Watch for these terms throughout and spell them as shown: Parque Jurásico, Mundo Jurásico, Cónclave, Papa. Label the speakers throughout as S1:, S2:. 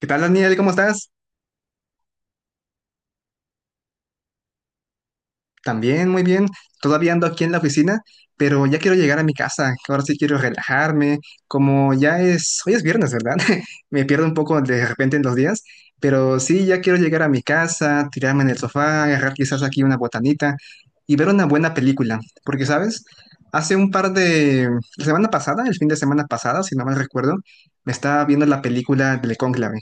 S1: ¿Qué tal, Daniel? ¿Cómo estás? También, muy bien. Todavía ando aquí en la oficina, pero ya quiero llegar a mi casa, que ahora sí quiero relajarme. Como ya es, hoy es viernes, ¿verdad? Me pierdo un poco de repente en los días, pero sí, ya quiero llegar a mi casa, tirarme en el sofá, agarrar quizás aquí una botanita y ver una buena película. Porque, ¿sabes? Hace un par de... La semana pasada, el fin de semana pasada, si no mal recuerdo, me estaba viendo la película del Cónclave.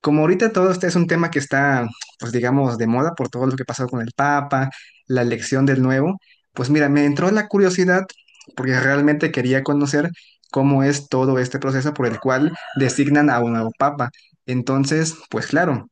S1: Como ahorita todo este es un tema que está, pues digamos, de moda por todo lo que pasó con el Papa, la elección del nuevo, pues mira, me entró la curiosidad porque realmente quería conocer cómo es todo este proceso por el cual designan a un nuevo Papa. Entonces, pues claro,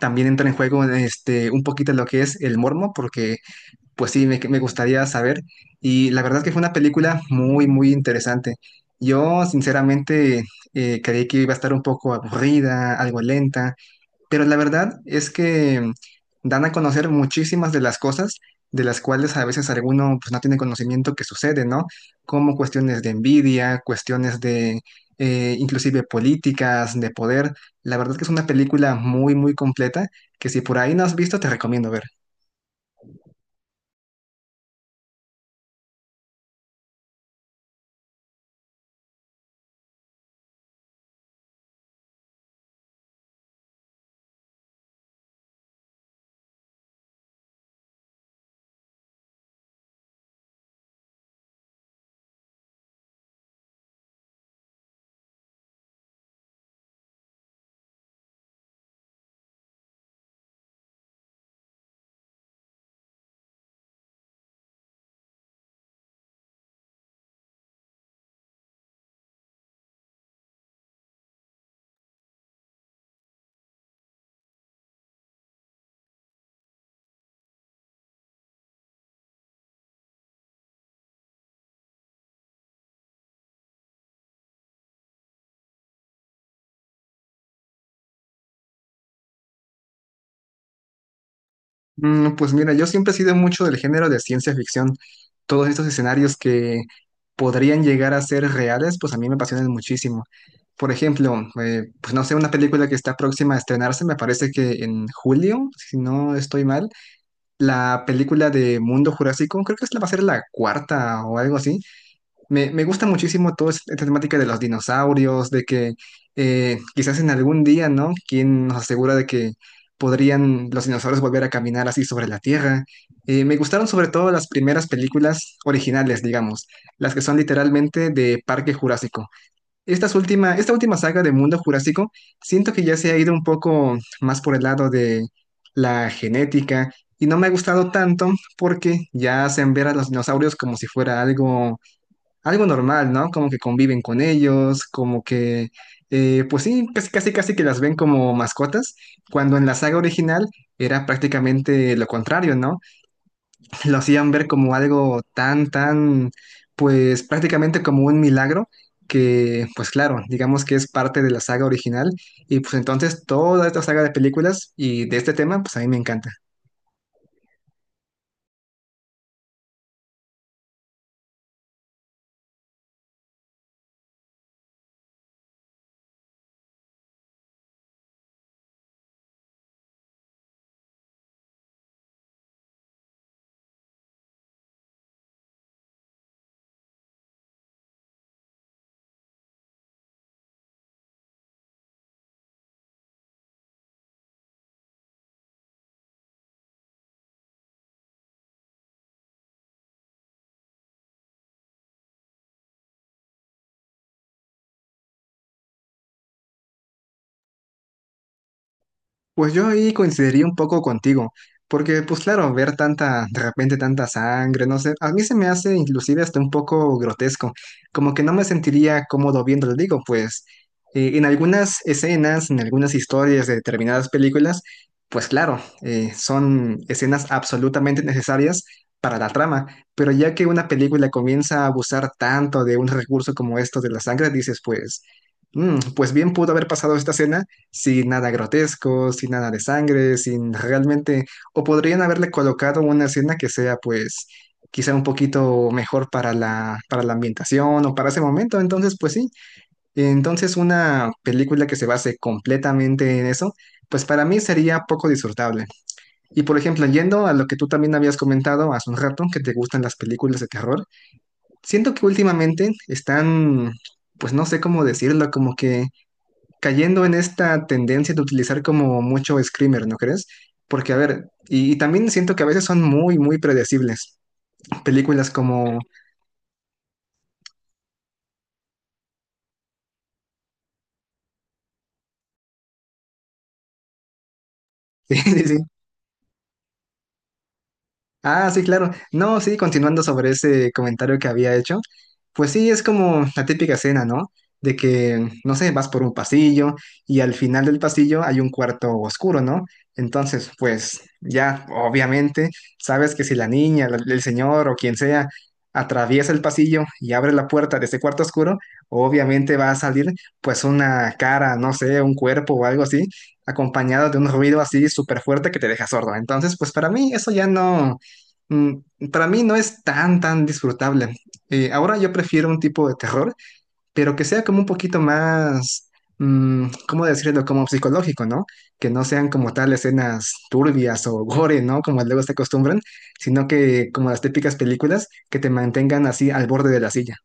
S1: también entra en juego este, un poquito lo que es el mormo, porque pues sí, me gustaría saber. Y la verdad es que fue una película muy, muy interesante. Yo, sinceramente, creí que iba a estar un poco aburrida, algo lenta, pero la verdad es que dan a conocer muchísimas de las cosas de las cuales a veces alguno, pues, no tiene conocimiento que sucede, ¿no? Como cuestiones de envidia, cuestiones de inclusive políticas, de poder. La verdad que es una película muy, muy completa que, si por ahí no has visto, te recomiendo ver. Pues mira, yo siempre he sido mucho del género de ciencia ficción. Todos estos escenarios que podrían llegar a ser reales, pues a mí me apasionan muchísimo. Por ejemplo, pues no sé, una película que está próxima a estrenarse, me parece que en julio, si no estoy mal, la película de Mundo Jurásico, creo que esta va a ser la cuarta o algo así. Me gusta muchísimo toda esta temática de los dinosaurios, de que quizás en algún día, ¿no? ¿Quién nos asegura de que podrían los dinosaurios volver a caminar así sobre la Tierra? Me gustaron sobre todo las primeras películas originales, digamos, las que son literalmente de Parque Jurásico. Esta última saga de Mundo Jurásico, siento que ya se ha ido un poco más por el lado de la genética y no me ha gustado tanto porque ya hacen ver a los dinosaurios como si fuera algo normal, ¿no? Como que conviven con ellos, como que, pues sí, pues casi casi que las ven como mascotas, cuando en la saga original era prácticamente lo contrario, ¿no? Lo hacían ver como algo pues prácticamente como un milagro. Que pues claro, digamos que es parte de la saga original y pues entonces toda esta saga de películas y de este tema pues a mí me encanta. Pues yo ahí coincidiría un poco contigo, porque pues claro, ver tanta, de repente tanta sangre, no sé, a mí se me hace inclusive hasta un poco grotesco, como que no me sentiría cómodo viéndolo, digo, pues en algunas escenas, en algunas historias de determinadas películas, pues claro, son escenas absolutamente necesarias para la trama, pero ya que una película comienza a abusar tanto de un recurso como esto de la sangre, dices pues... "Mm, pues bien pudo haber pasado esta escena sin nada grotesco, sin nada de sangre, sin realmente, o podrían haberle colocado una escena que sea pues quizá un poquito mejor para para la ambientación o para ese momento, entonces pues sí, entonces una película que se base completamente en eso, pues para mí sería poco disfrutable. Y por ejemplo, yendo a lo que tú también habías comentado hace un rato, que te gustan las películas de terror, siento que últimamente están, pues no sé cómo decirlo, como que cayendo en esta tendencia de utilizar como mucho screamer, ¿no crees? Porque, a ver, y también siento que a veces son muy, muy predecibles. Películas como, sí, sí, sí. Ah, sí, claro. No, sí, continuando sobre ese comentario que había hecho, pues sí, es como la típica escena, ¿no? De que, no sé, vas por un pasillo y al final del pasillo hay un cuarto oscuro, ¿no? Entonces, pues ya, obviamente, sabes que si la niña, el señor o quien sea atraviesa el pasillo y abre la puerta de ese cuarto oscuro, obviamente va a salir pues una cara, no sé, un cuerpo o algo así, acompañado de un ruido así súper fuerte que te deja sordo. Entonces, pues para mí eso ya no. Mm, Para mí no es tan, tan disfrutable. Ahora yo prefiero un tipo de terror, pero que sea como un poquito más, ¿cómo decirlo? Como psicológico, ¿no? Que no sean como tal escenas turbias o gore, ¿no? Como luego se acostumbran, sino que como las típicas películas que te mantengan así al borde de la silla.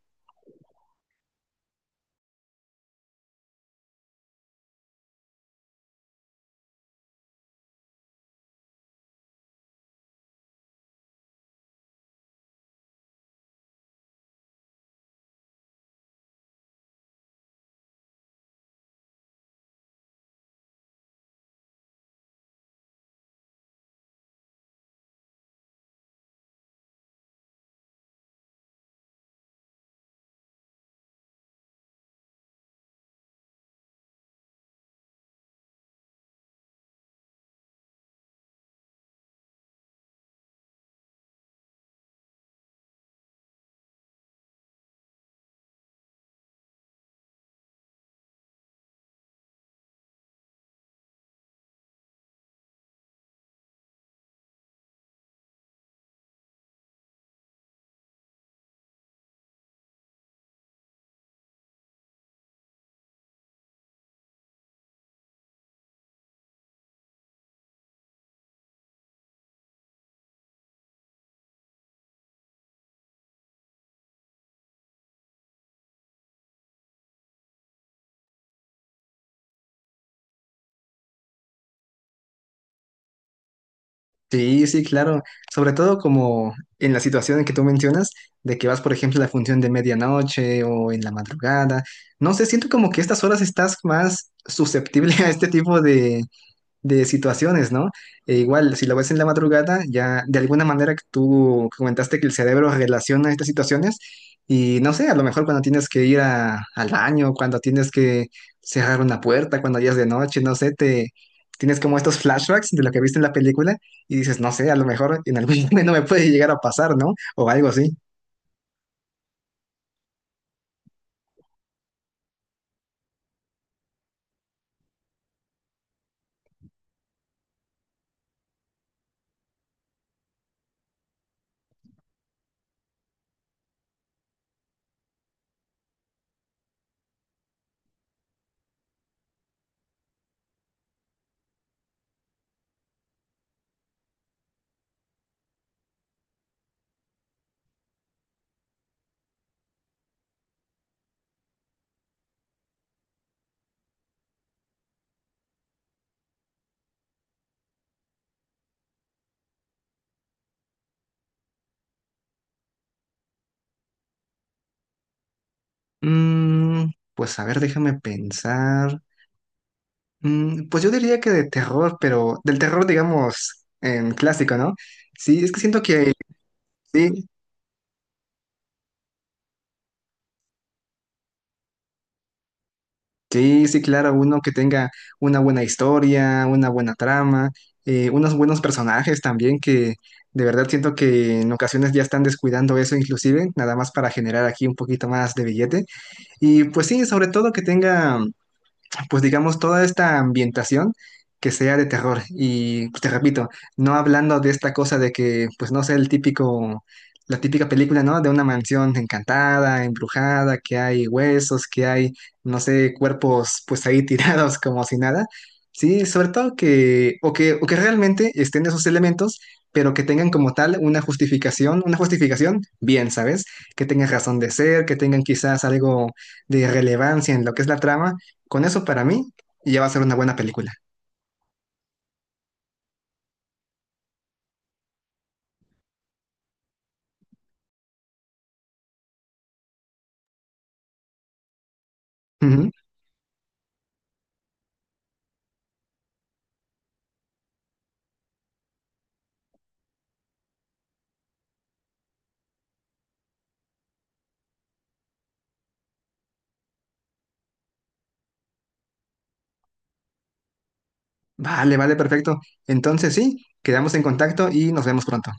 S1: Sí, sí, claro. Sobre todo como en la situación en que tú mencionas, de que vas, por ejemplo, a la función de medianoche o en la madrugada. No sé, siento como que estas horas estás más susceptible a este tipo de situaciones, ¿no? E igual, si lo ves en la madrugada, ya de alguna manera que tú comentaste que el cerebro relaciona estas situaciones y no sé, a lo mejor cuando tienes que ir al baño, cuando tienes que cerrar una puerta, cuando ya es de noche, no sé, te tienes como estos flashbacks de lo que viste en la película y dices, no sé, a lo mejor en algún momento me puede llegar a pasar, ¿no? O algo así. Pues a ver, déjame pensar. Pues yo diría que de terror, pero del terror, digamos, clásico, ¿no? Sí, es que siento que sí, sí, sí, claro, uno que tenga una buena historia, una buena trama, unos buenos personajes también, que de verdad siento que en ocasiones ya están descuidando eso inclusive, nada más para generar aquí un poquito más de billete. Y pues sí, sobre todo que tenga pues digamos, toda esta ambientación que sea de terror. Y pues, te repito, no hablando de esta cosa de que, pues no sé, el típico, la típica película, ¿no? De una mansión encantada, embrujada, que hay huesos, que hay, no sé, cuerpos pues ahí tirados como si nada. Sí, sobre todo que, o que, o que realmente estén esos elementos, pero que tengan como tal una justificación bien, ¿sabes? Que tengan razón de ser, que tengan quizás algo de relevancia en lo que es la trama, con eso para mí ya va a ser una buena película. Ujú. Vale, vale, perfecto. Entonces sí, quedamos en contacto y nos vemos pronto.